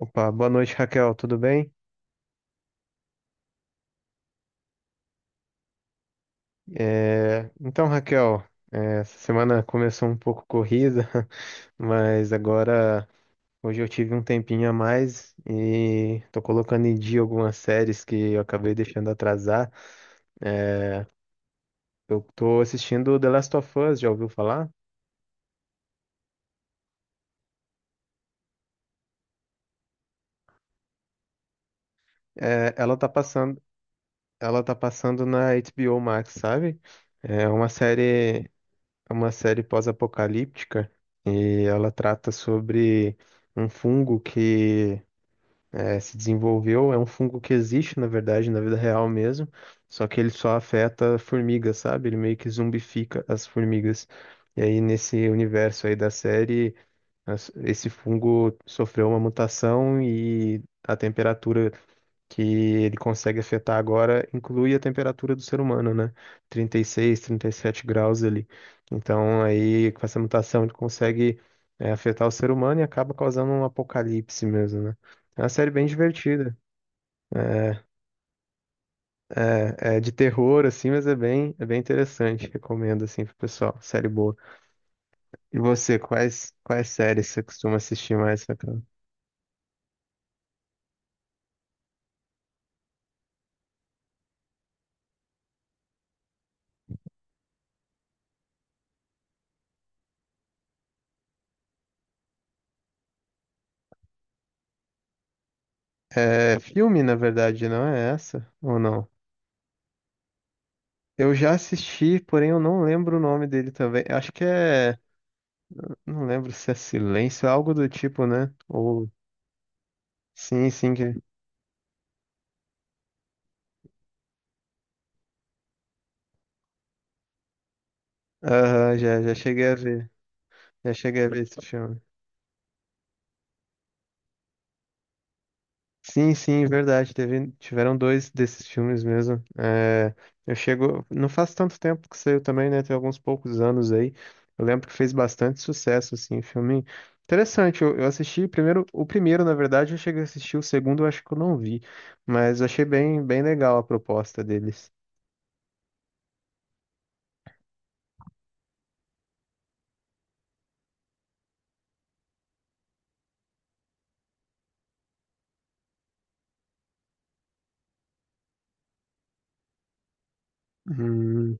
Opa, boa noite, Raquel, tudo bem? Então, Raquel, essa semana começou um pouco corrida, mas agora hoje eu tive um tempinho a mais e tô colocando em dia algumas séries que eu acabei deixando atrasar. É, Eu tô assistindo The Last of Us, já ouviu falar? É, Ela tá passando, ela tá passando na HBO Max, sabe? É uma série É uma série pós-apocalíptica e ela trata sobre um fungo que se desenvolveu. É um fungo que existe, na verdade, na vida real mesmo, só que ele só afeta formigas, sabe? Ele meio que zumbifica as formigas. E aí, nesse universo aí da série, esse fungo sofreu uma mutação e a temperatura que ele consegue afetar agora inclui a temperatura do ser humano, né? 36, 37 graus ali. Então, aí, com essa mutação, ele consegue afetar o ser humano e acaba causando um apocalipse mesmo, né? É uma série bem divertida. É, é de terror, assim, mas é bem interessante. Recomendo, assim, pro pessoal. Série boa. E você, quais séries você costuma assistir mais, Raquel? É filme, na verdade, não é essa? Ou não? Eu já assisti, porém eu não lembro o nome dele também. Acho que é. Não lembro se é Silêncio, é algo do tipo, né? Ou. Sim, sim. Que... Aham, já cheguei a ver. Já cheguei a ver esse filme. Sim, sim, verdade. Teve, tiveram dois desses filmes mesmo. É, eu chego. Não faz tanto tempo que saiu também, né? Tem alguns poucos anos aí. Eu lembro que fez bastante sucesso, assim, filme. Interessante, eu assisti primeiro, o primeiro, na verdade, eu cheguei a assistir, o segundo eu acho que eu não vi, mas eu achei bem legal a proposta deles. Hum.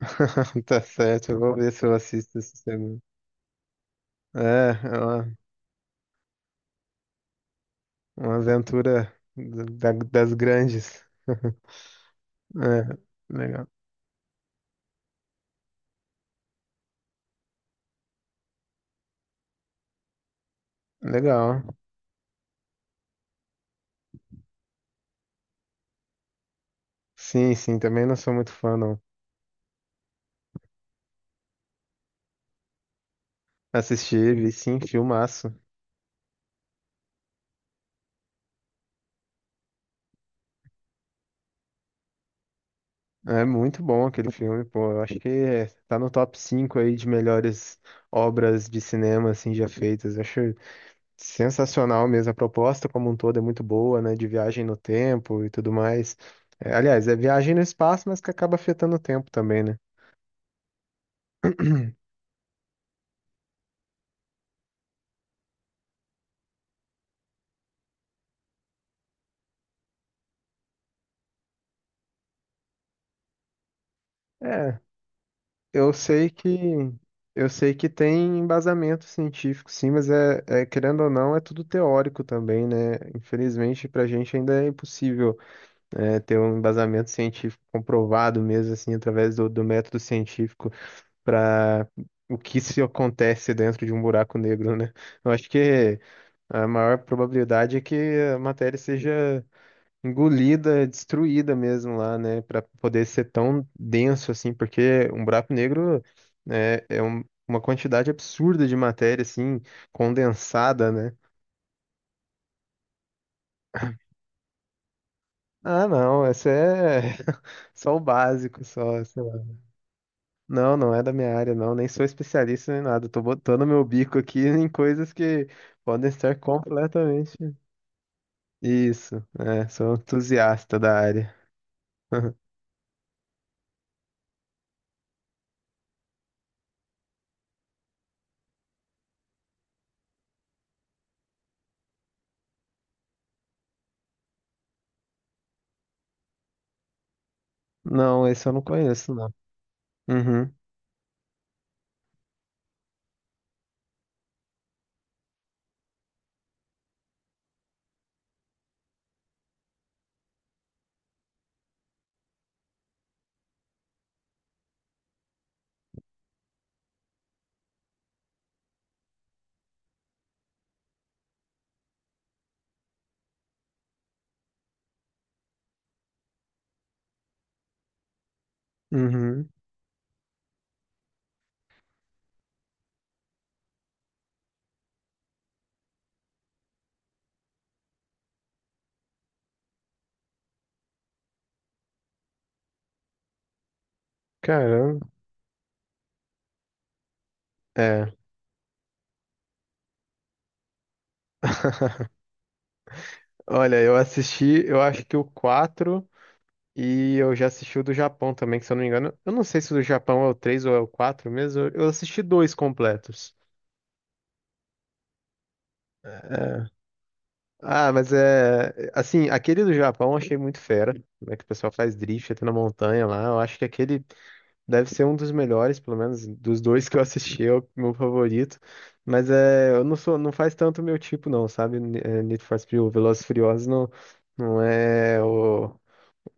Tá certo, eu vou ver se eu assisto esse segundo. É, é uma, uma aventura das grandes. É, legal. Legal. Sim, sim, também não sou muito fã, não. Assisti, vi sim, filmaço. É muito bom aquele filme, pô. Eu acho que tá no top 5 aí de melhores obras de cinema, assim, já feitas. Eu acho sensacional mesmo. A proposta como um todo é muito boa, né? De viagem no tempo e tudo mais. É, aliás, é viagem no espaço, mas que acaba afetando o tempo também, né? é Eu sei que eu sei que tem embasamento científico, sim, mas querendo ou não, é tudo teórico também, né? Infelizmente, para a gente ainda é impossível ter um embasamento científico comprovado mesmo, assim, através do método científico para o que se acontece dentro de um buraco negro, né? Eu acho que a maior probabilidade é que a matéria seja engolida, é destruída mesmo lá, né? Pra poder ser tão denso assim, porque um buraco negro uma quantidade absurda de matéria, assim, condensada, né? Ah, não, essa é só o básico, só, sei lá. Não, não é da minha área, não, nem sou especialista nem nada. Tô botando meu bico aqui em coisas que podem estar completamente. Isso, é, sou um entusiasta da área. Não, esse eu não conheço, não. Uhum, uhum. Caramba. É. Olha, eu assisti, eu acho que o 4 e eu já assisti o do Japão também, que se eu não me engano, eu não sei se o do Japão é o 3 ou é o 4 mesmo, eu assisti dois completos. É. Ah, mas é, assim, aquele do Japão eu achei muito fera. Como é que o pessoal faz drift até na montanha lá, eu acho que aquele deve ser um dos melhores, pelo menos dos dois que eu assisti, é o meu favorito. Mas é, eu não sou, não faz tanto o meu tipo não, sabe? Need for Speed, ou Velozes e Furiosos não, não é o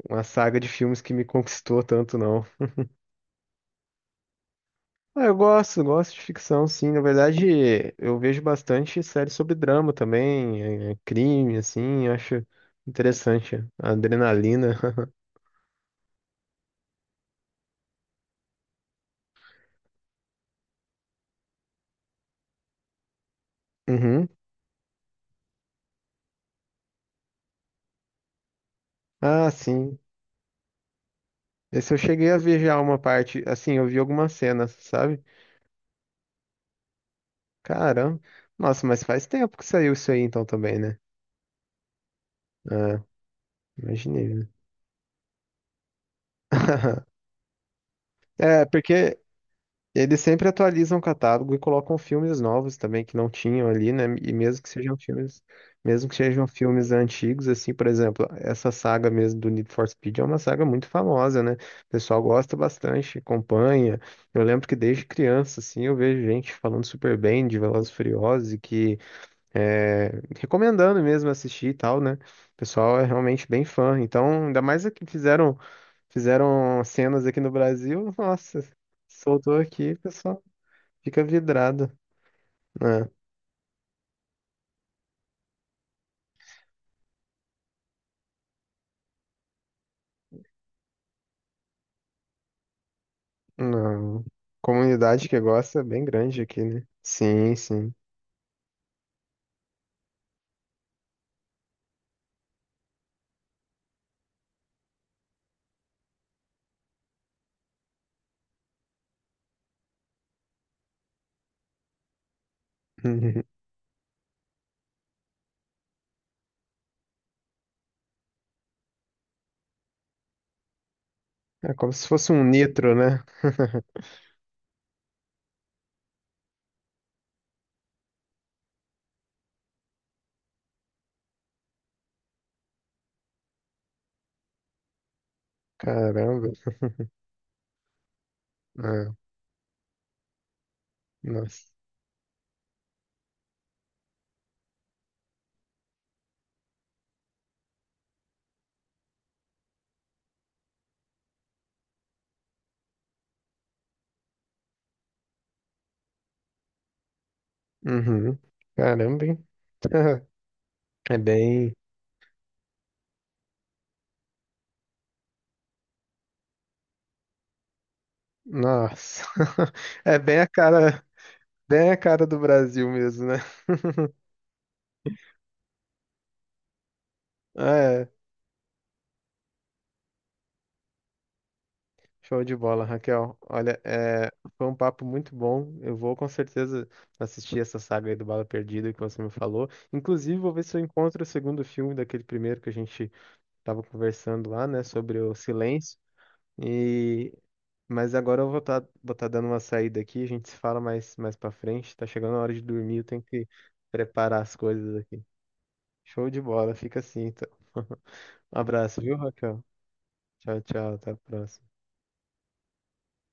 uma saga de filmes que me conquistou tanto, não. Ah, eu gosto, gosto de ficção, sim. Na verdade, eu vejo bastante séries sobre drama também, crime, assim, eu acho interessante. A adrenalina. Uhum. Ah, sim. Esse eu cheguei a ver já uma parte, assim, eu vi algumas cenas, sabe? Caramba. Nossa, mas faz tempo que saiu isso aí então também, né? Ah, imaginei, né? É, porque eles sempre atualizam o catálogo e colocam filmes novos também que não tinham ali, né? E mesmo que sejam filmes, mesmo que sejam filmes antigos, assim, por exemplo, essa saga mesmo do Need for Speed é uma saga muito famosa, né? O pessoal gosta bastante, acompanha. Eu lembro que desde criança, assim, eu vejo gente falando super bem de Velozes e Furiosos e que recomendando mesmo assistir e tal, né? O pessoal é realmente bem fã. Então, ainda mais é que fizeram cenas aqui no Brasil, nossa. Soltou aqui, pessoal. Fica vidrado. É, não. Comunidade que gosta é bem grande aqui, né? Sim, sim. É como se fosse um nitro, né? Caramba. É, nossa. Uhum. Caramba, hein? É bem. Nossa. É bem a cara do Brasil mesmo, né? É. Show de bola, Raquel. Olha, é, foi um papo muito bom. Eu vou com certeza assistir essa saga aí do Bala Perdida que você me falou. Inclusive, vou ver se eu encontro o segundo filme daquele primeiro que a gente estava conversando lá, né, sobre o silêncio. E mas agora eu vou estar tá, vou tá dando uma saída aqui. A gente se fala mais para frente. Tá chegando a hora de dormir. Eu tenho que preparar as coisas aqui. Show de bola. Fica assim, então. Um abraço, viu, Raquel? Tchau, tchau. Até a próxima.